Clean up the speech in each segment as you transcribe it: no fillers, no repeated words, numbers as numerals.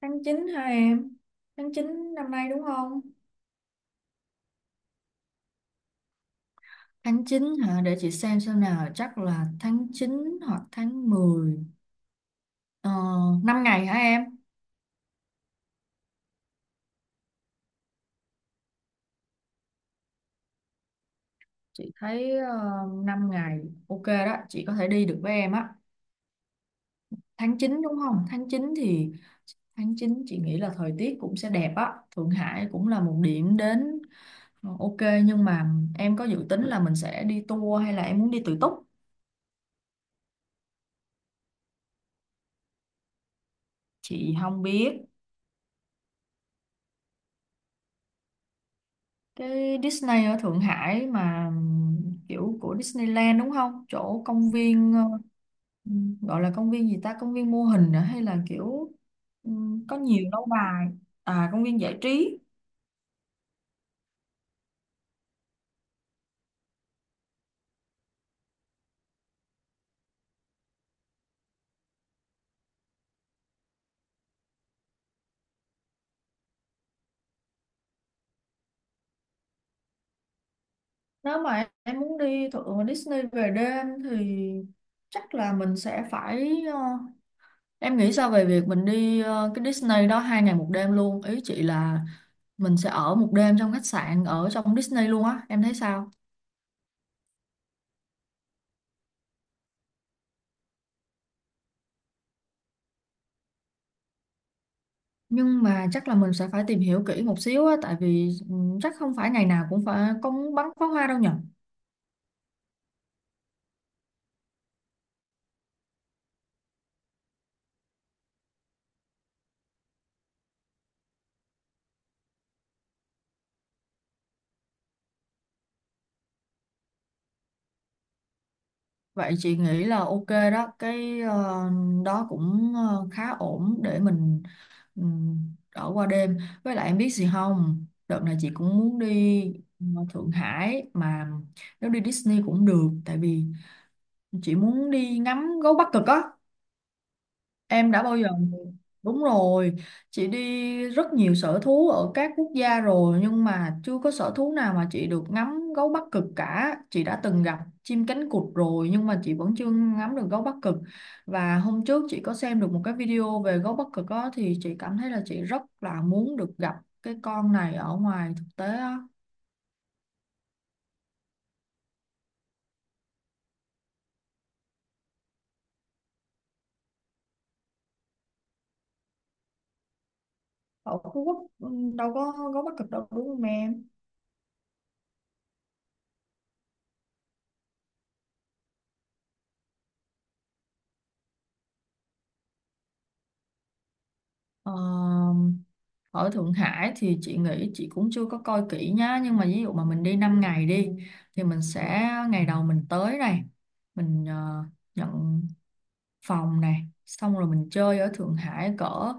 Tháng 9 hả em? Tháng 9 năm nay đúng không? Tháng 9 hả? Để chị xem nào. Chắc là tháng 9 hoặc tháng mười. Ờ, 5 ngày hả em? Chị thấy 5 ngày ok đó. Chị có thể đi được với em á. Tháng 9 đúng không? Tháng 9 thì tháng 9 chị nghĩ là thời tiết cũng sẽ đẹp á. Thượng Hải cũng là một điểm đến ok. Nhưng mà em có dự tính là mình sẽ đi tour hay là em muốn đi tự túc? Chị không biết. Cái Disney ở Thượng Hải mà kiểu của Disneyland đúng không, chỗ công viên gọi là công viên gì ta, công viên mô hình à? Hay là kiểu có nhiều lâu bài à, công viên giải trí. Nếu mà em muốn đi thượng Disney về đêm thì chắc là mình sẽ phải em nghĩ sao về việc mình đi cái Disney đó hai ngày một đêm luôn, ý chị là mình sẽ ở một đêm trong khách sạn ở trong Disney luôn á, em thấy sao? Nhưng mà chắc là mình sẽ phải tìm hiểu kỹ một xíu á, tại vì chắc không phải ngày nào cũng cũng bắn pháo hoa đâu nhỉ. Vậy chị nghĩ là ok đó, cái đó cũng khá ổn để mình ừ, ở qua đêm. Với lại em biết gì không, đợt này chị cũng muốn đi Thượng Hải mà, nếu đi Disney cũng được, tại vì chị muốn đi ngắm gấu Bắc Cực á. Em đã bao giờ? Đúng rồi, chị đi rất nhiều sở thú ở các quốc gia rồi nhưng mà chưa có sở thú nào mà chị được ngắm gấu Bắc Cực cả. Chị đã từng gặp chim cánh cụt rồi nhưng mà chị vẫn chưa ngắm được gấu Bắc Cực. Và hôm trước chị có xem được một cái video về gấu Bắc Cực đó, thì chị cảm thấy là chị rất là muốn được gặp cái con này ở ngoài thực tế á. Ở Phú Quốc đâu có gấu Bắc Cực đâu đúng không em? Ờ, ở Thượng Hải thì chị nghĩ chị cũng chưa có coi kỹ nhá, nhưng mà ví dụ mà mình đi 5 ngày đi thì mình sẽ ngày đầu mình tới này, mình nhận phòng này, xong rồi mình chơi ở Thượng Hải cỡ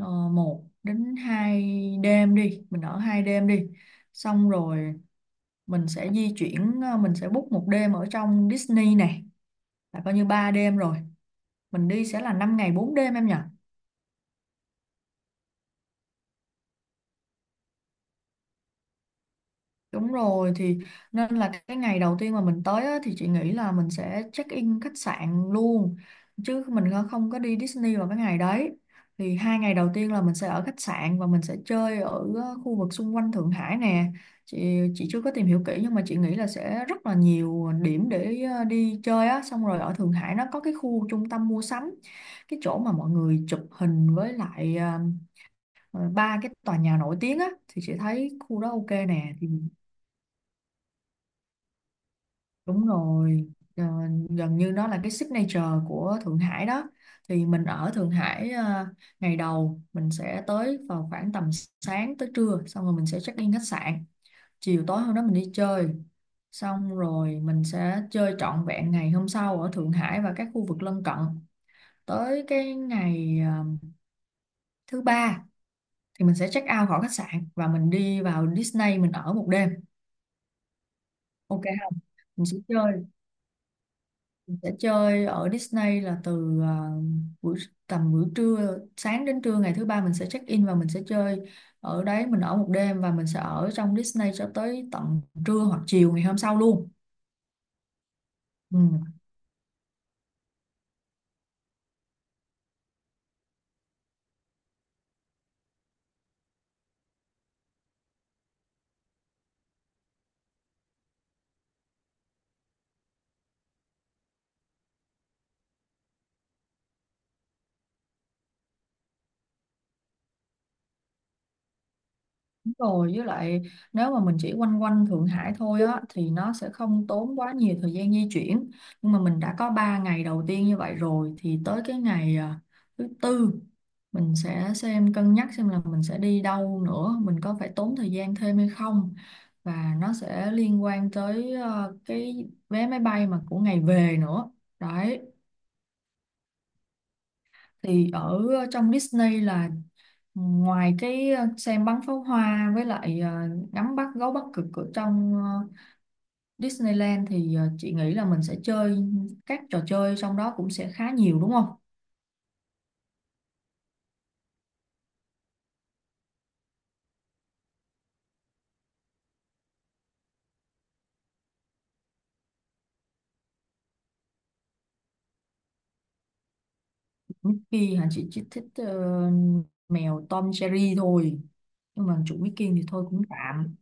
1 đến 2 đêm đi, mình ở hai đêm đi, xong rồi mình sẽ di chuyển mình sẽ book một đêm ở trong Disney này, là coi như 3 đêm rồi, mình đi sẽ là 5 ngày 4 đêm em nhỉ. Đúng rồi thì nên là cái ngày đầu tiên mà mình tới á, thì chị nghĩ là mình sẽ check in khách sạn luôn, chứ mình không có đi Disney vào cái ngày đấy. Thì hai ngày đầu tiên là mình sẽ ở khách sạn và mình sẽ chơi ở khu vực xung quanh Thượng Hải nè. Chị chưa có tìm hiểu kỹ nhưng mà chị nghĩ là sẽ rất là nhiều điểm để đi chơi á, xong rồi ở Thượng Hải nó có cái khu trung tâm mua sắm, cái chỗ mà mọi người chụp hình với lại ba cái tòa nhà nổi tiếng á, thì chị thấy khu đó ok nè. Thì đúng rồi, ờ, gần như nó là cái signature của Thượng Hải đó. Thì mình ở Thượng Hải ngày đầu mình sẽ tới vào khoảng tầm sáng tới trưa, xong rồi mình sẽ check in khách sạn. Chiều tối hôm đó mình đi chơi, xong rồi mình sẽ chơi trọn vẹn ngày hôm sau ở Thượng Hải và các khu vực lân cận. Tới cái ngày thứ ba thì mình sẽ check out khỏi khách sạn và mình đi vào Disney, mình ở một đêm. Ok không? Mình sẽ chơi, sẽ chơi ở Disney là từ buổi tầm buổi trưa, sáng đến trưa ngày thứ ba mình sẽ check in và mình sẽ chơi ở đấy, mình ở một đêm và mình sẽ ở trong Disney cho tới tận trưa hoặc chiều ngày hôm sau luôn. Ừ. Rồi với lại nếu mà mình chỉ quanh quanh Thượng Hải thôi á thì nó sẽ không tốn quá nhiều thời gian di chuyển, nhưng mà mình đã có 3 ngày đầu tiên như vậy rồi thì tới cái ngày thứ tư mình sẽ xem cân nhắc xem là mình sẽ đi đâu nữa, mình có phải tốn thời gian thêm hay không, và nó sẽ liên quan tới cái vé máy bay mà của ngày về nữa đấy. Thì ở trong Disney là ngoài cái xem bắn pháo hoa với lại ngắm bắt gấu Bắc Cực ở trong Disneyland thì chị nghĩ là mình sẽ chơi các trò chơi trong đó cũng sẽ khá nhiều đúng không? Mickey hả, chị chỉ thích mèo Tom Jerry thôi, nhưng mà chủ Mickey thì thôi cũng tạm.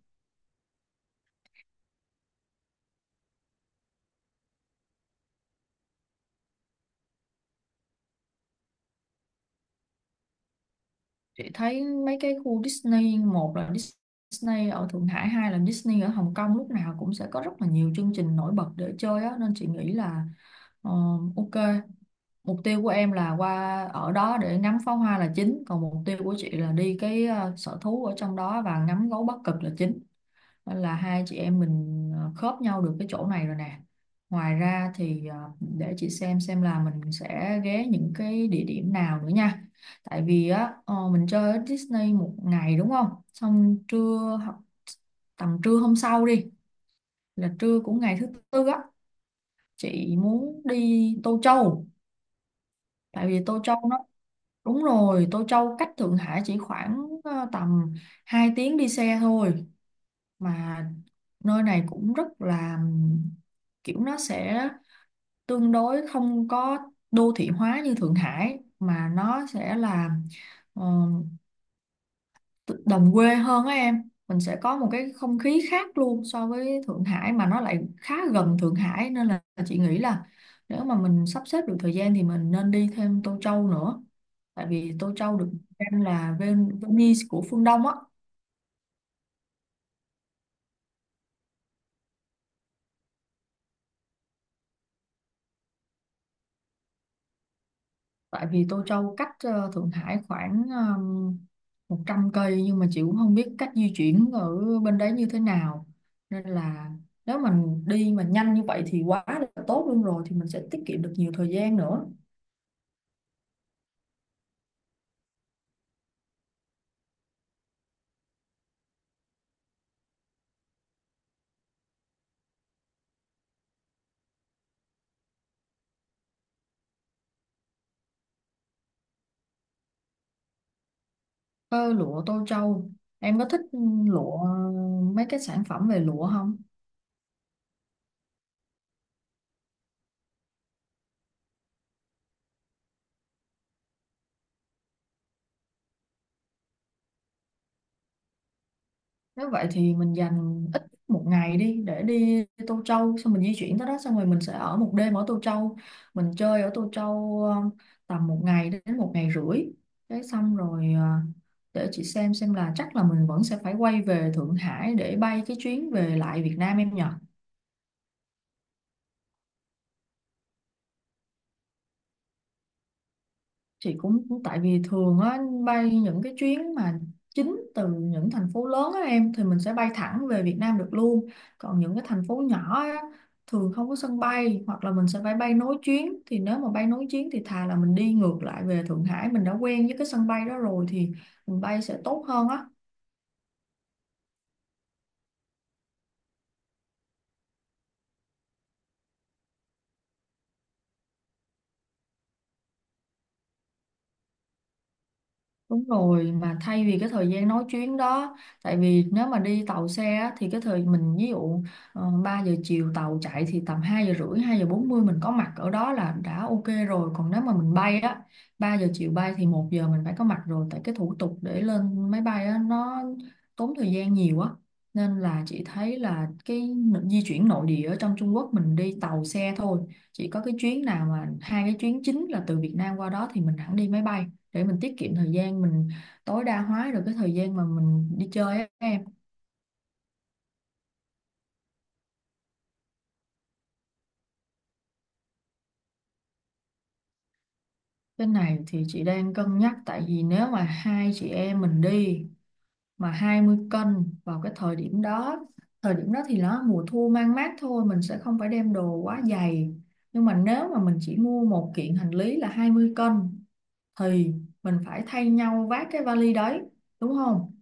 Chị thấy mấy cái khu Disney, một là Disney ở Thượng Hải, hai là Disney ở Hồng Kông, lúc nào cũng sẽ có rất là nhiều chương trình nổi bật để chơi á nên chị nghĩ là ờ, ok, mục tiêu của em là qua ở đó để ngắm pháo hoa là chính, còn mục tiêu của chị là đi cái sở thú ở trong đó và ngắm gấu Bắc Cực là chính. Nên là hai chị em mình khớp nhau được cái chỗ này rồi nè. Ngoài ra thì để chị xem là mình sẽ ghé những cái địa điểm nào nữa nha. Tại vì á mình chơi ở Disney một ngày đúng không? Xong trưa hoặc tầm trưa hôm sau đi, là trưa cũng ngày thứ tư á, chị muốn đi Tô Châu. Tại vì Tô Châu nó, đúng rồi, Tô Châu cách Thượng Hải chỉ khoảng tầm 2 tiếng đi xe thôi mà, nơi này cũng rất là kiểu nó sẽ tương đối không có đô thị hóa như Thượng Hải mà nó sẽ là ờ, đồng quê hơn á em, mình sẽ có một cái không khí khác luôn so với Thượng Hải mà nó lại khá gần Thượng Hải, nên là chị nghĩ là nếu mà mình sắp xếp được thời gian thì mình nên đi thêm Tô Châu nữa, tại vì Tô Châu được xem là Venice của phương Đông á. Tại vì Tô Châu cách Thượng Hải khoảng um, 100 cây, nhưng mà chị cũng không biết cách di chuyển ở bên đấy như thế nào, nên là nếu mình đi mà nhanh như vậy thì quá là tốt luôn rồi, thì mình sẽ tiết kiệm được nhiều thời gian nữa. Ơ, lụa Tô Châu, em có thích lụa, mấy cái sản phẩm về lụa không? Nếu vậy thì mình dành ít một ngày đi, để đi Tô Châu, xong mình di chuyển tới đó, xong rồi mình sẽ ở một đêm ở Tô Châu, mình chơi ở Tô Châu tầm một ngày đến một ngày rưỡi. Đấy xong rồi để chị xem là chắc là mình vẫn sẽ phải quay về Thượng Hải để bay cái chuyến về lại Việt Nam em nhỉ. Chị cũng tại vì thường á, bay những cái chuyến mà chính từ những thành phố lớn á em, thì mình sẽ bay thẳng về Việt Nam được luôn, còn những cái thành phố nhỏ á thường không có sân bay hoặc là mình sẽ phải bay nối chuyến, thì nếu mà bay nối chuyến thì thà là mình đi ngược lại về Thượng Hải, mình đã quen với cái sân bay đó rồi thì mình bay sẽ tốt hơn á. Đúng rồi, mà thay vì cái thời gian nói chuyến đó, tại vì nếu mà đi tàu xe á, thì cái thời mình ví dụ 3 giờ chiều tàu chạy thì tầm 2 giờ rưỡi, 2 giờ 40 mình có mặt ở đó là đã ok rồi. Còn nếu mà mình bay á, 3 giờ chiều bay thì 1 giờ mình phải có mặt rồi, tại cái thủ tục để lên máy bay á, nó tốn thời gian nhiều á. Nên là chị thấy là cái di chuyển nội địa ở trong Trung Quốc mình đi tàu xe thôi. Chỉ có cái chuyến nào mà hai cái chuyến chính là từ Việt Nam qua đó thì mình hẳn đi máy bay để mình tiết kiệm thời gian mình tối đa hóa được cái thời gian mà mình đi chơi á em. Cái này thì chị đang cân nhắc, tại vì nếu mà hai chị em mình đi mà 20 cân vào cái thời điểm đó, thời điểm đó thì nó mùa thu mang mát thôi, mình sẽ không phải đem đồ quá dày. Nhưng mà nếu mà mình chỉ mua một kiện hành lý là 20 cân thì mình phải thay nhau vác cái vali đấy, đúng không?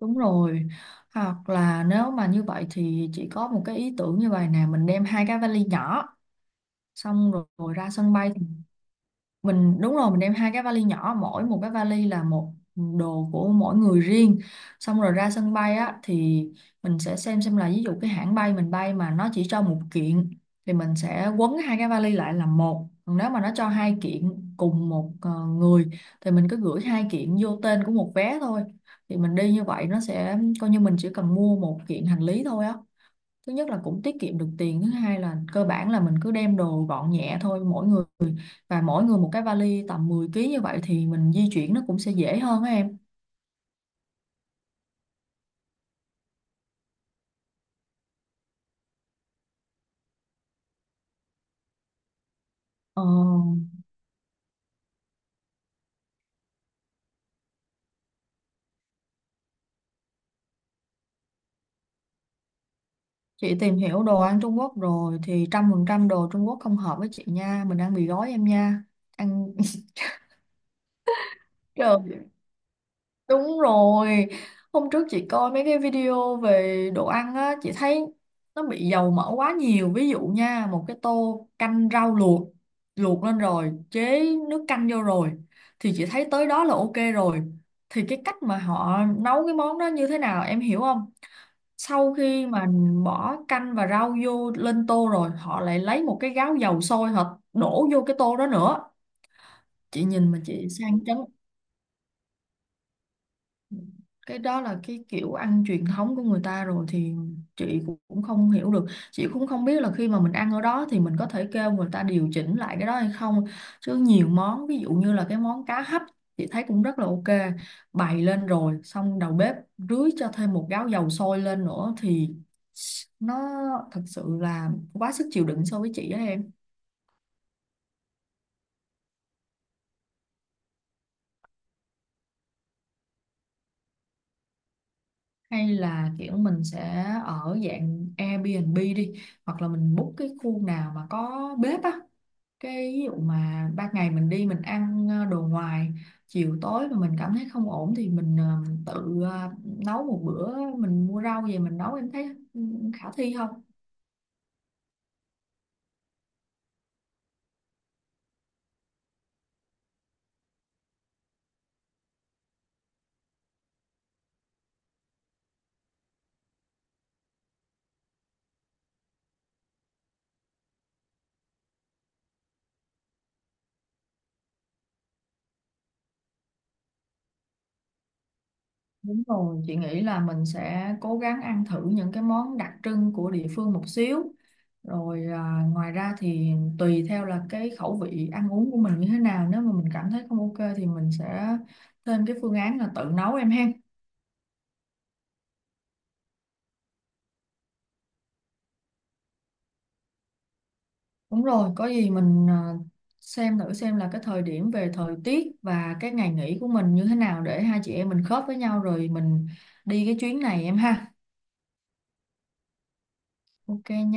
Đúng rồi, hoặc là nếu mà như vậy thì chị có một cái ý tưởng như vậy nè, mình đem hai cái vali nhỏ, xong rồi ra sân bay thì mình, đúng rồi, mình đem hai cái vali nhỏ, mỗi một cái vali là một, đồ của mỗi người riêng. Xong rồi ra sân bay á thì mình sẽ xem là ví dụ cái hãng bay mình bay mà nó chỉ cho một kiện thì mình sẽ quấn hai cái vali lại làm một, còn nếu mà nó cho hai kiện cùng một người thì mình cứ gửi hai kiện vô tên của một vé thôi, thì mình đi như vậy nó sẽ coi như mình chỉ cần mua một kiện hành lý thôi á. Thứ nhất là cũng tiết kiệm được tiền, thứ hai là cơ bản là mình cứ đem đồ gọn nhẹ thôi, mỗi người và mỗi người một cái vali tầm 10 ký, như vậy thì mình di chuyển nó cũng sẽ dễ hơn á em. ờ, chị tìm hiểu đồ ăn Trung Quốc rồi thì 100% đồ Trung Quốc không hợp với chị nha, mình ăn mì gói em nha, ăn trời. Đúng rồi, hôm trước chị coi mấy cái video về đồ ăn á, chị thấy nó bị dầu mỡ quá nhiều. Ví dụ nha, một cái tô canh rau luộc, luộc lên rồi, chế nước canh vô rồi, thì chị thấy tới đó là ok rồi. Thì cái cách mà họ nấu cái món đó như thế nào em hiểu không? Sau khi mà bỏ canh và rau vô lên tô rồi, họ lại lấy một cái gáo dầu sôi họ đổ vô cái tô đó nữa. Chị nhìn mà chị sang chấn. Cái đó là cái kiểu ăn truyền thống của người ta rồi thì chị cũng cũng không hiểu được, chị cũng không biết là khi mà mình ăn ở đó thì mình có thể kêu người ta điều chỉnh lại cái đó hay không, chứ nhiều món ví dụ như là cái món cá hấp chị thấy cũng rất là ok, bày lên rồi xong đầu bếp rưới cho thêm một gáo dầu sôi lên nữa thì nó thật sự là quá sức chịu đựng so với chị á em. Hay là kiểu mình sẽ ở dạng Airbnb đi, hoặc là mình book cái khu nào mà có bếp á, cái ví dụ mà ban ngày mình đi mình ăn đồ ngoài, chiều tối mà mình cảm thấy không ổn thì mình tự nấu một bữa, mình mua rau về mình nấu, em thấy ừ, khả thi không? Đúng rồi, chị nghĩ là mình sẽ cố gắng ăn thử những cái món đặc trưng của địa phương một xíu. Rồi à, ngoài ra thì tùy theo là cái khẩu vị ăn uống của mình như thế nào, nếu mà mình cảm thấy không ok thì mình sẽ thêm cái phương án là tự nấu em ha. Đúng rồi, có gì mình à, xem thử xem là cái thời điểm về thời tiết và cái ngày nghỉ của mình như thế nào để hai chị em mình khớp với nhau rồi mình đi cái chuyến này em ha. Ok nha.